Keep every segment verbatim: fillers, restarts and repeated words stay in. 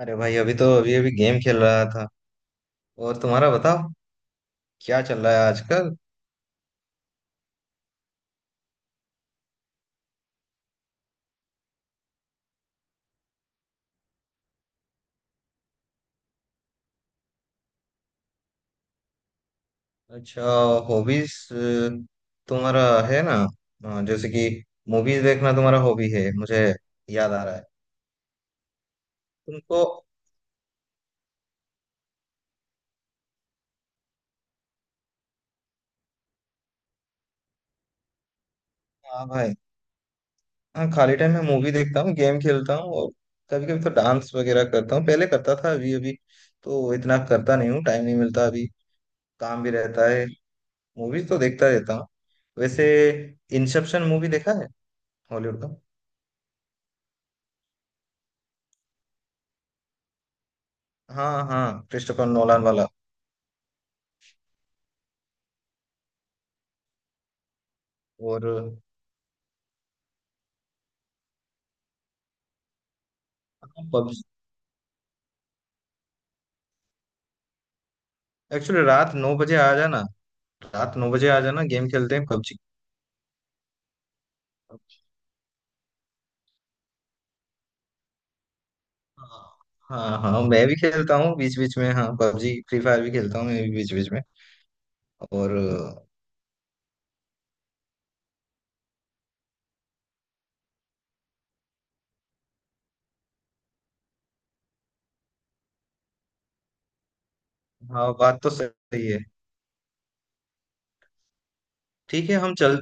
अरे भाई, अभी तो अभी अभी गेम खेल रहा था। और तुम्हारा बताओ, क्या चल रहा है आजकल। अच्छा, हॉबीज तुम्हारा है ना, अ, जैसे कि मूवीज देखना तुम्हारा हॉबी है, मुझे याद आ रहा है तुमको। हाँ भाई, हाँ, खाली टाइम में मूवी देखता हूँ, गेम खेलता हूँ, और कभी कभी तो डांस वगैरह करता हूँ। पहले करता था, अभी अभी तो इतना करता नहीं हूँ, टाइम नहीं मिलता अभी, काम भी रहता है। मूवीज तो देखता रहता हूँ वैसे। इंसेप्शन मूवी देखा है, हॉलीवुड का। हाँ हाँ, क्रिस्टोफर नोलान वाला। और पबजी, एक्चुअली रात नौ बजे आ जाना। रात नौ बजे आ जाना, गेम खेलते हैं पबजी। हाँ हाँ, मैं भी खेलता हूँ बीच बीच में। हाँ, पबजी, फ्री फायर भी खेलता हूँ मैं भी बीच बीच में। और हाँ, बात तो सही है। ठीक है, हम चल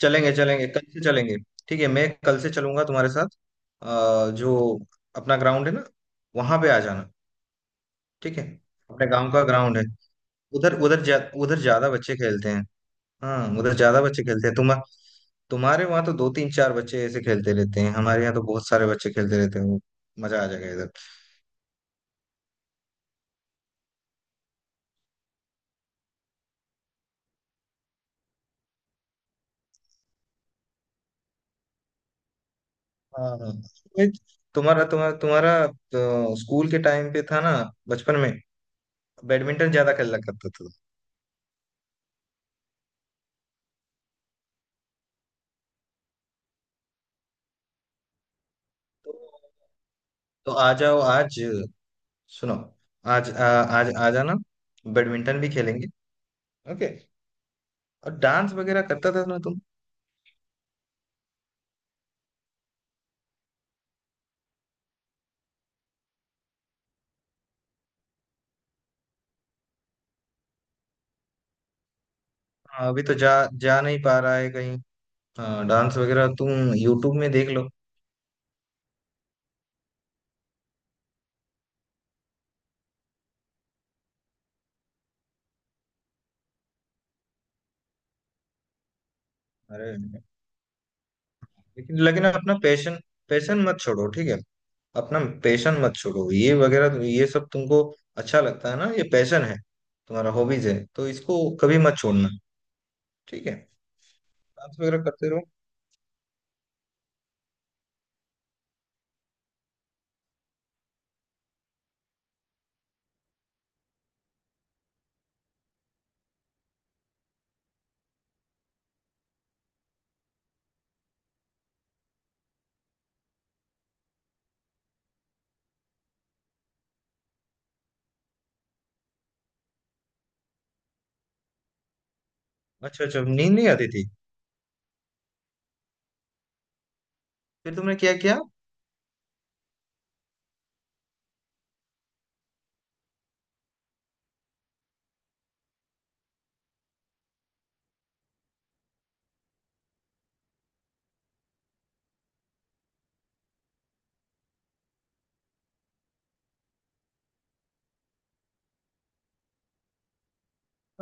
चलेंगे चलेंगे, कल से चलेंगे। ठीक है, मैं कल से चलूंगा तुम्हारे साथ। अ, जो अपना ग्राउंड है ना, वहां पे आ जाना। ठीक है, अपने गांव का ग्राउंड है। उधर उधर जा, उधर ज्यादा बच्चे खेलते हैं। हाँ, उधर ज्यादा बच्चे खेलते हैं। तुम, तुम्हारे वहां तो दो तीन चार बच्चे ऐसे खेलते रहते हैं, हमारे यहाँ तो बहुत सारे बच्चे खेलते रहते हैं। मजा आ जाएगा इधर। हाँ हाँ। ये, तुम्हारा तुम्हारा तुम्हारा तो स्कूल के टाइम पे था ना, बचपन में बैडमिंटन ज्यादा खेला करता था। तो, तो आ जाओ आज। सुनो, आज आ, आज आ जाना, बैडमिंटन भी खेलेंगे। ओके। और डांस वगैरह करता था ना तुम। हाँ, अभी तो जा जा नहीं पा रहा है कहीं। हाँ, डांस वगैरह तुम यूट्यूब में देख लो। अरे, लेकिन लेकिन अपना पैशन, पैशन मत छोड़ो, ठीक है। अपना पैशन मत छोड़ो। ये वगैरह ये सब तुमको अच्छा लगता है ना, ये पैशन है, तुम्हारा हॉबीज है, तो इसको कभी मत छोड़ना। ठीक है, डांस वगैरह करते रहो। अच्छा अच्छा, नींद नहीं आती थी। फिर तुमने क्या किया।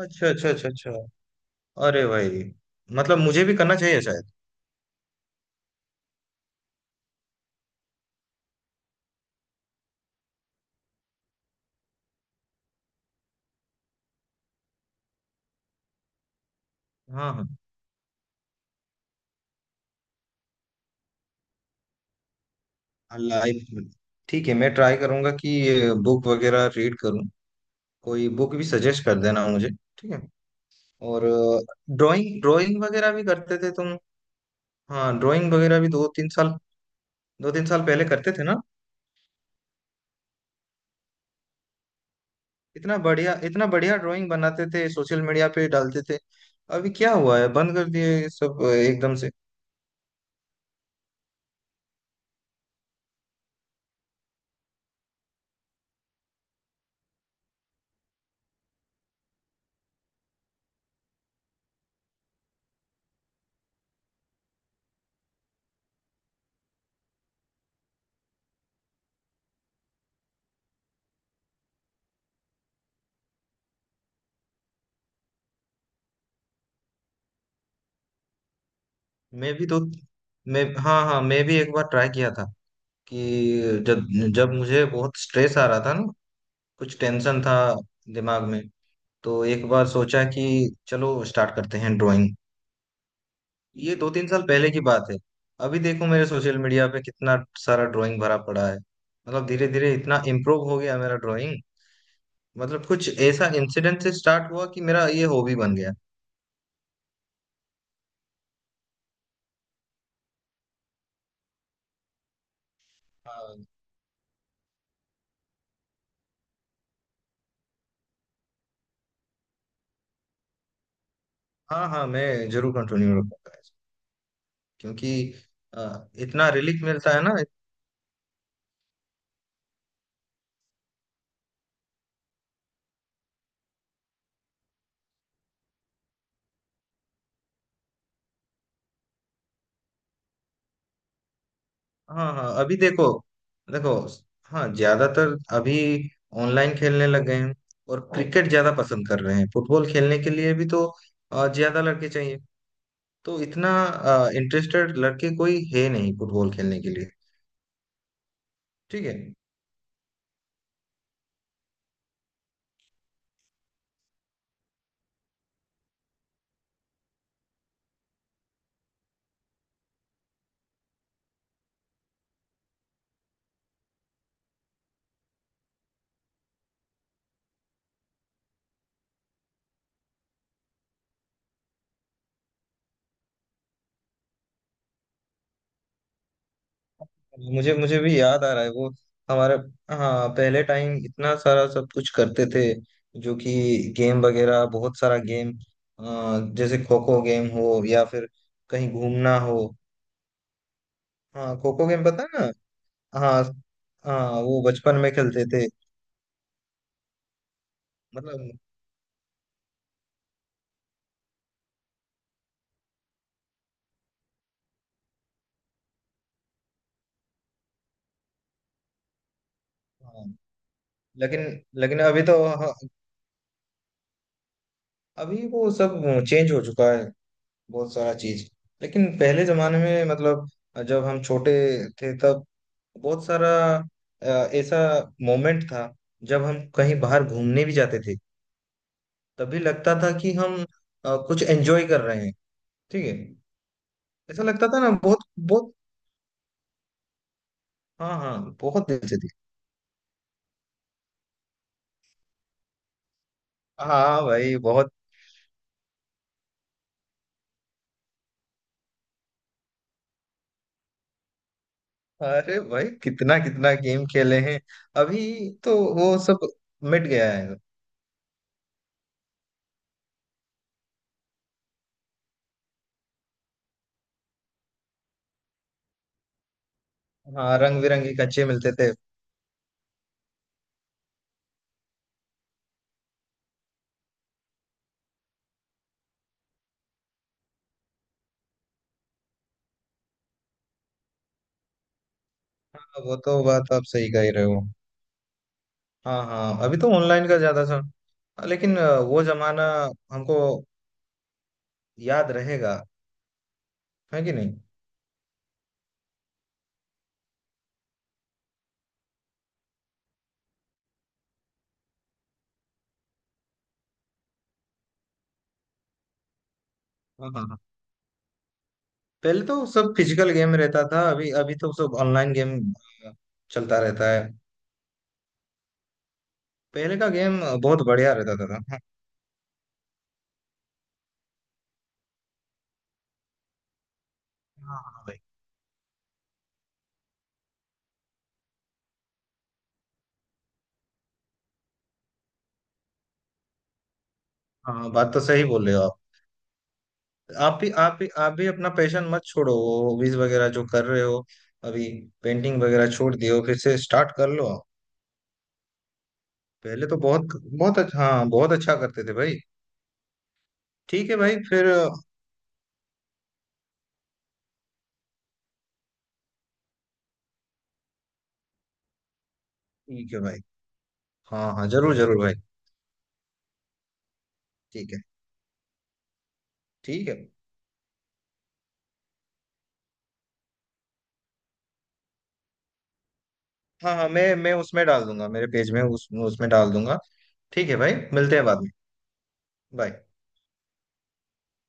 अच्छा अच्छा, अच्छा अच्छा। अरे भाई, मतलब मुझे भी करना चाहिए शायद। हाँ हाँ, लाइफ, ठीक है, मैं ट्राई करूंगा कि बुक वगैरह रीड करूं। कोई बुक भी सजेस्ट कर देना मुझे, ठीक है। और ड्राइंग ड्राइंग वगैरह भी करते थे तुम। हाँ, ड्राइंग वगैरह भी दो तीन साल, दो तीन साल पहले करते थे ना। इतना बढ़िया, इतना बढ़िया ड्राइंग बनाते थे, सोशल मीडिया पे डालते थे। अभी क्या हुआ है, बंद कर दिए ये सब अ, एकदम से। मैं भी दो मैं हाँ हाँ, मैं भी एक बार ट्राई किया था कि जब जब मुझे बहुत स्ट्रेस आ रहा था ना, कुछ टेंशन था दिमाग में, तो एक बार सोचा कि चलो स्टार्ट करते हैं ड्राइंग। ये दो तीन साल पहले की बात है। अभी देखो मेरे सोशल मीडिया पे कितना सारा ड्राइंग भरा पड़ा है, मतलब धीरे धीरे इतना इम्प्रूव हो गया मेरा ड्राइंग। मतलब कुछ ऐसा इंसिडेंट से स्टार्ट हुआ कि मेरा ये हॉबी बन गया। हाँ हाँ हाँ, मैं जरूर कंटिन्यू रखूंगा, क्योंकि अ, इतना रिलीफ मिलता है ना। हाँ हाँ, अभी देखो देखो। हाँ, ज्यादातर अभी ऑनलाइन खेलने लग गए हैं, और क्रिकेट ज्यादा पसंद कर रहे हैं। फुटबॉल खेलने के लिए भी तो अ, ज्यादा लड़के चाहिए, तो इतना इंटरेस्टेड लड़के कोई है नहीं फुटबॉल खेलने के लिए, ठीक है। मुझे मुझे भी याद आ रहा है वो, हमारे। हाँ, पहले टाइम इतना सारा सब कुछ करते थे, जो कि गेम वगैरह, बहुत सारा गेम, जैसे खो खो गेम हो, या फिर कहीं घूमना हो। हाँ, खो खो गेम पता है ना। हाँ हाँ, वो बचपन में खेलते थे। मतलब, हाँ, लेकिन लेकिन अभी तो, हाँ, अभी वो सब चेंज हो चुका है, बहुत सारा चीज। लेकिन पहले जमाने में, मतलब जब हम छोटे थे, तब बहुत सारा अ, ऐसा मोमेंट था, जब हम कहीं बाहर घूमने भी जाते थे, तभी लगता था कि हम अ, कुछ एंजॉय कर रहे हैं, ठीक है। ऐसा लगता था ना, बहुत बहुत। हाँ हाँ, बहुत दिल से थी। हाँ भाई, बहुत। अरे भाई, कितना कितना गेम खेले हैं। अभी तो वो सब मिट गया है। हाँ, रंग बिरंगी कच्चे मिलते थे। हाँ, वो तो बात आप सही कह रहे हो। हाँ हाँ, अभी तो ऑनलाइन का ज्यादा सर, लेकिन अ, वो जमाना हमको याद रहेगा, है कि नहीं। हाँ हाँ हाँ। पहले तो सब फिजिकल गेम रहता था, अभी अभी तो सब ऑनलाइन गेम अ, चलता रहता है। पहले का गेम बहुत बढ़िया रहता था, हाँ। हाँ हाँ भाई। हाँ, बात तो सही बोल रहे हो आप। आप भी आप भी आप भी अपना पैशन मत छोड़ो, वो हॉबीज वगैरह जो कर रहे हो अभी। पेंटिंग वगैरह छोड़ दियो, फिर से स्टार्ट कर लो आप। पहले तो बहुत बहुत अच्छा, हाँ, बहुत अच्छा करते थे भाई। ठीक है भाई, फिर ठीक है भाई। हाँ हाँ, जरूर जरूर भाई। ठीक है। ठीक है। हाँ हाँ, मैं मैं उसमें डाल दूंगा, मेरे पेज में उस उसमें डाल दूंगा। ठीक है भाई, मिलते हैं बाद में। बाय।